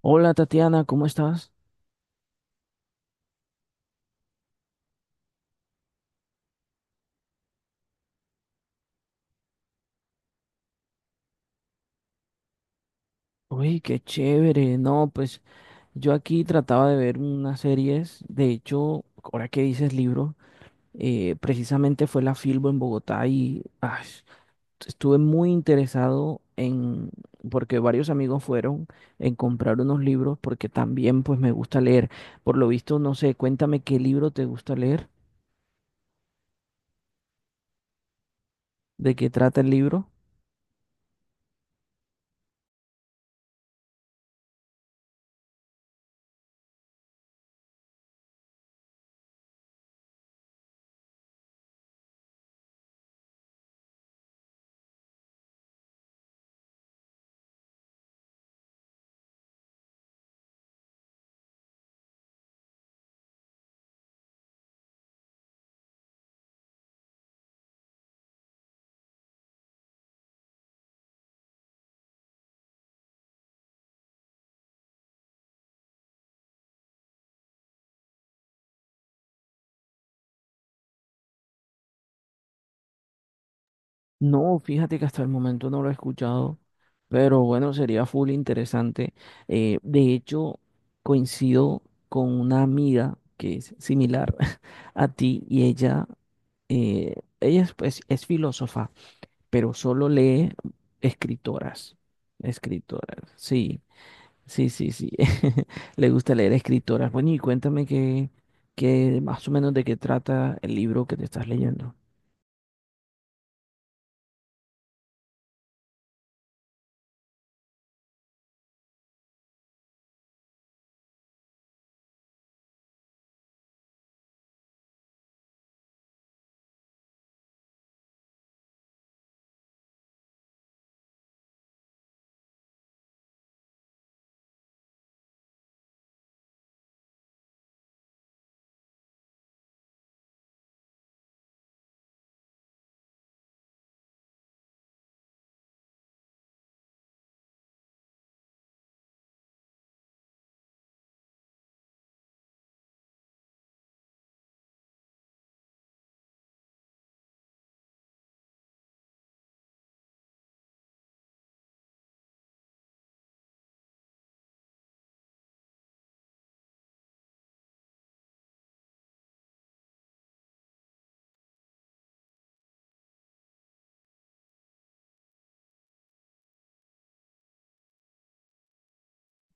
Hola Tatiana, ¿cómo estás? Uy, qué chévere. No, pues yo aquí trataba de ver unas series. De hecho, ahora que dices libro, precisamente fue la Filbo en Bogotá y ay, estuve muy interesado en, porque varios amigos fueron, en comprar unos libros porque también pues me gusta leer. Por lo visto, no sé, cuéntame qué libro te gusta leer, de qué trata el libro. No, fíjate que hasta el momento no lo he escuchado, pero bueno, sería full interesante. De hecho, coincido con una amiga que es similar a ti y ella, eh, ella es, pues, es filósofa, pero solo lee escritoras, escritoras, sí, sí, sí, sí, le gusta leer escritoras. Bueno, y cuéntame qué, qué más o menos de qué trata el libro que te estás leyendo.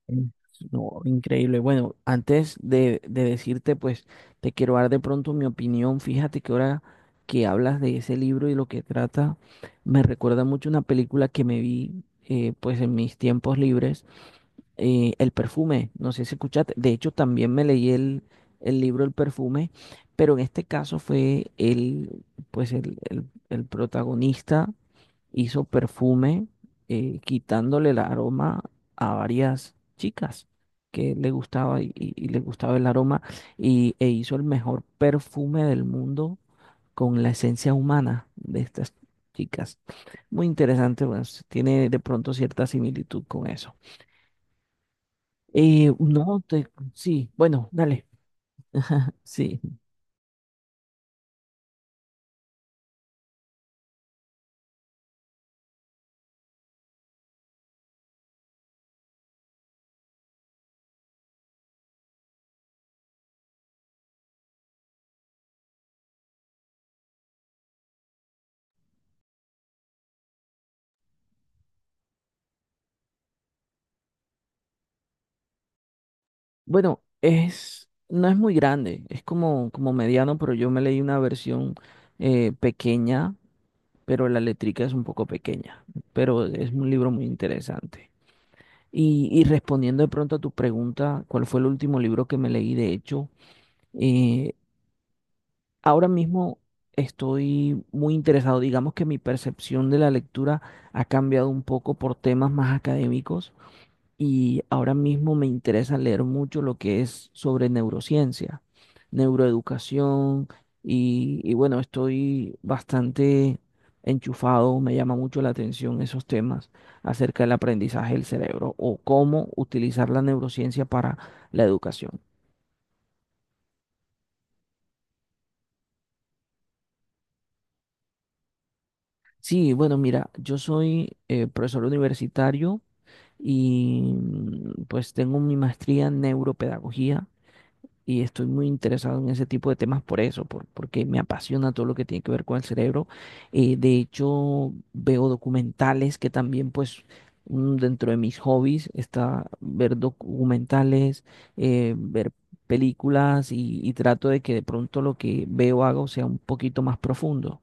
Mm. No, increíble. Bueno, antes de decirte, pues te quiero dar de pronto mi opinión. Fíjate que ahora que hablas de ese libro y lo que trata, me recuerda mucho una película que me vi, pues en mis tiempos libres, El perfume. No sé si escuchaste. De hecho, también me leí el libro El perfume, pero en este caso fue el, pues el, el protagonista hizo perfume quitándole el aroma a varias chicas que le gustaba y, y le gustaba el aroma y, e hizo el mejor perfume del mundo con la esencia humana de estas chicas. Muy interesante, bueno, tiene de pronto cierta similitud con eso. No, te, sí, bueno, dale, sí. Bueno, es, no es muy grande, es como, como mediano, pero yo me leí una versión pequeña pero la letrica es un poco pequeña, pero es un libro muy interesante. Y respondiendo de pronto a tu pregunta, ¿cuál fue el último libro que me leí? De hecho, eh, ahora mismo estoy muy interesado, digamos que mi percepción de la lectura ha cambiado un poco por temas más académicos y ahora mismo me interesa leer mucho lo que es sobre neurociencia, neuroeducación y bueno, estoy bastante enchufado, me llama mucho la atención esos temas acerca del aprendizaje del cerebro o cómo utilizar la neurociencia para la educación. Sí, bueno, mira, yo soy profesor universitario y pues tengo mi maestría en neuropedagogía y estoy muy interesado en ese tipo de temas por eso, porque me apasiona todo lo que tiene que ver con el cerebro. De hecho, veo documentales que también, pues, dentro de mis hobbies está ver documentales, ver películas y trato de que de pronto lo que veo hago sea un poquito más profundo.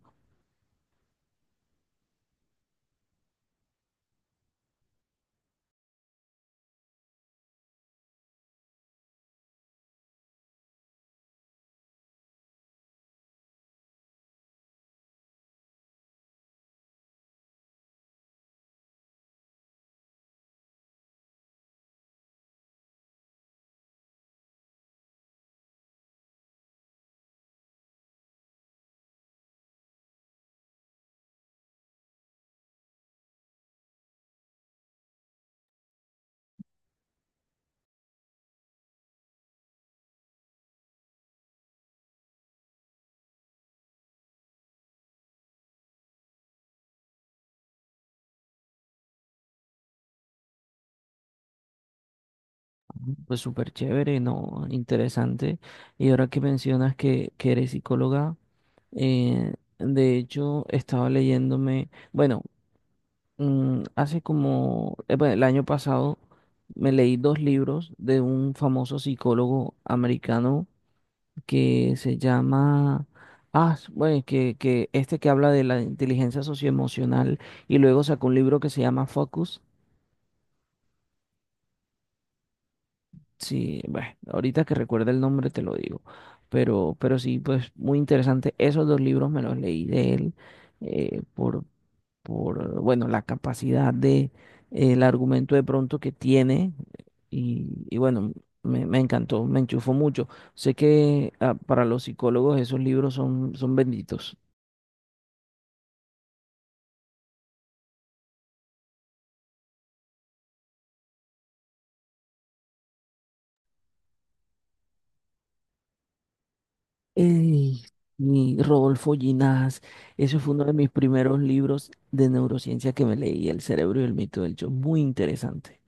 Pues súper chévere, ¿no? Interesante. Y ahora que mencionas que eres psicóloga, de hecho, estaba leyéndome... Bueno, hace como, bueno, el año pasado me leí dos libros de un famoso psicólogo americano que se llama, ah, bueno, que este que habla de la inteligencia socioemocional y luego sacó un libro que se llama Focus. Sí, bueno, ahorita que recuerda el nombre te lo digo, pero sí, pues muy interesante. Esos dos libros me los leí de él eh, por, por, bueno, la capacidad de, el argumento de pronto que tiene y bueno, me encantó, me enchufó mucho. Sé que ah, para los psicólogos esos libros son, son benditos. Ey, y Rodolfo Ginás, ese fue uno de mis primeros libros de neurociencia que me leí, El cerebro y el mito del yo, muy interesante.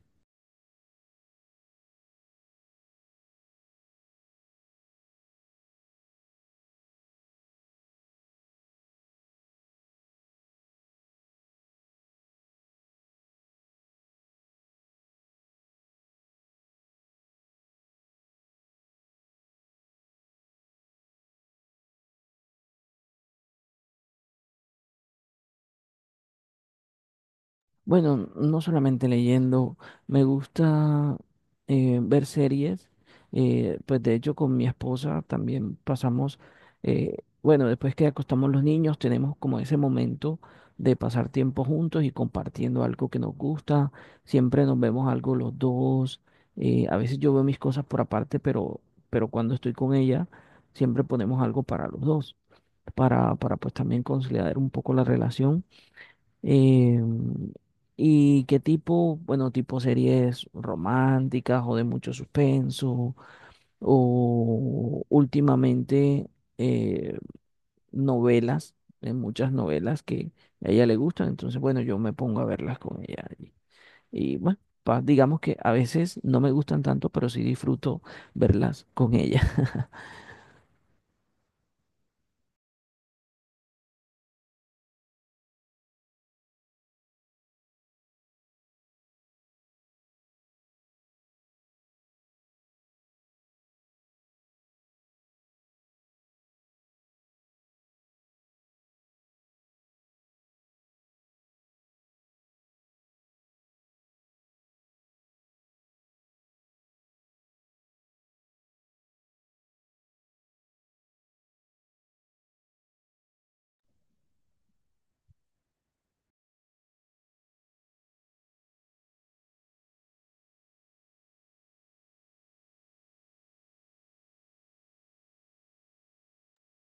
Bueno, no solamente leyendo, me gusta ver series. Pues de hecho con mi esposa también pasamos, bueno, después que acostamos los niños, tenemos como ese momento de pasar tiempo juntos y compartiendo algo que nos gusta. Siempre nos vemos algo los dos. A veces yo veo mis cosas por aparte, pero cuando estoy con ella, siempre ponemos algo para los dos, para pues también conciliar un poco la relación. Eh, ¿Y qué tipo, bueno, tipo series románticas o de mucho suspenso o últimamente eh, novelas, hay muchas novelas que a ella le gustan, entonces bueno, yo me pongo a verlas con ella y, bueno, digamos que a veces no me gustan tanto, pero sí disfruto verlas con ella.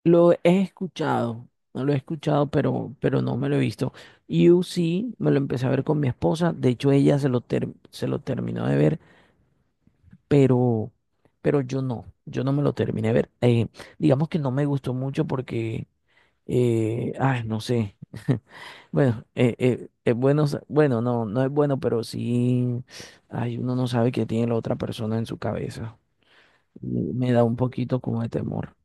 Lo he escuchado, no lo he escuchado, pero no me lo he visto. You sí me lo empecé a ver con mi esposa, de hecho ella se lo, se lo terminó de ver, pero, pero yo no, yo no me lo terminé de ver. Digamos que no me gustó mucho porque, ay, no sé, bueno, es bueno, bueno, no, no es bueno, pero sí, ay, uno no sabe qué tiene la otra persona en su cabeza. Y me da un poquito como de temor.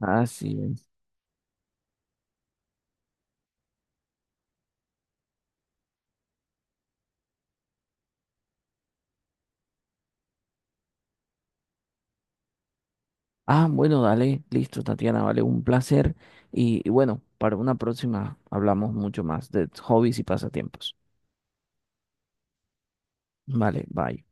Así es. Ah, bueno, dale, listo, Tatiana, vale, un placer. Y bueno, para una próxima hablamos mucho más de hobbies y pasatiempos. Vale, bye.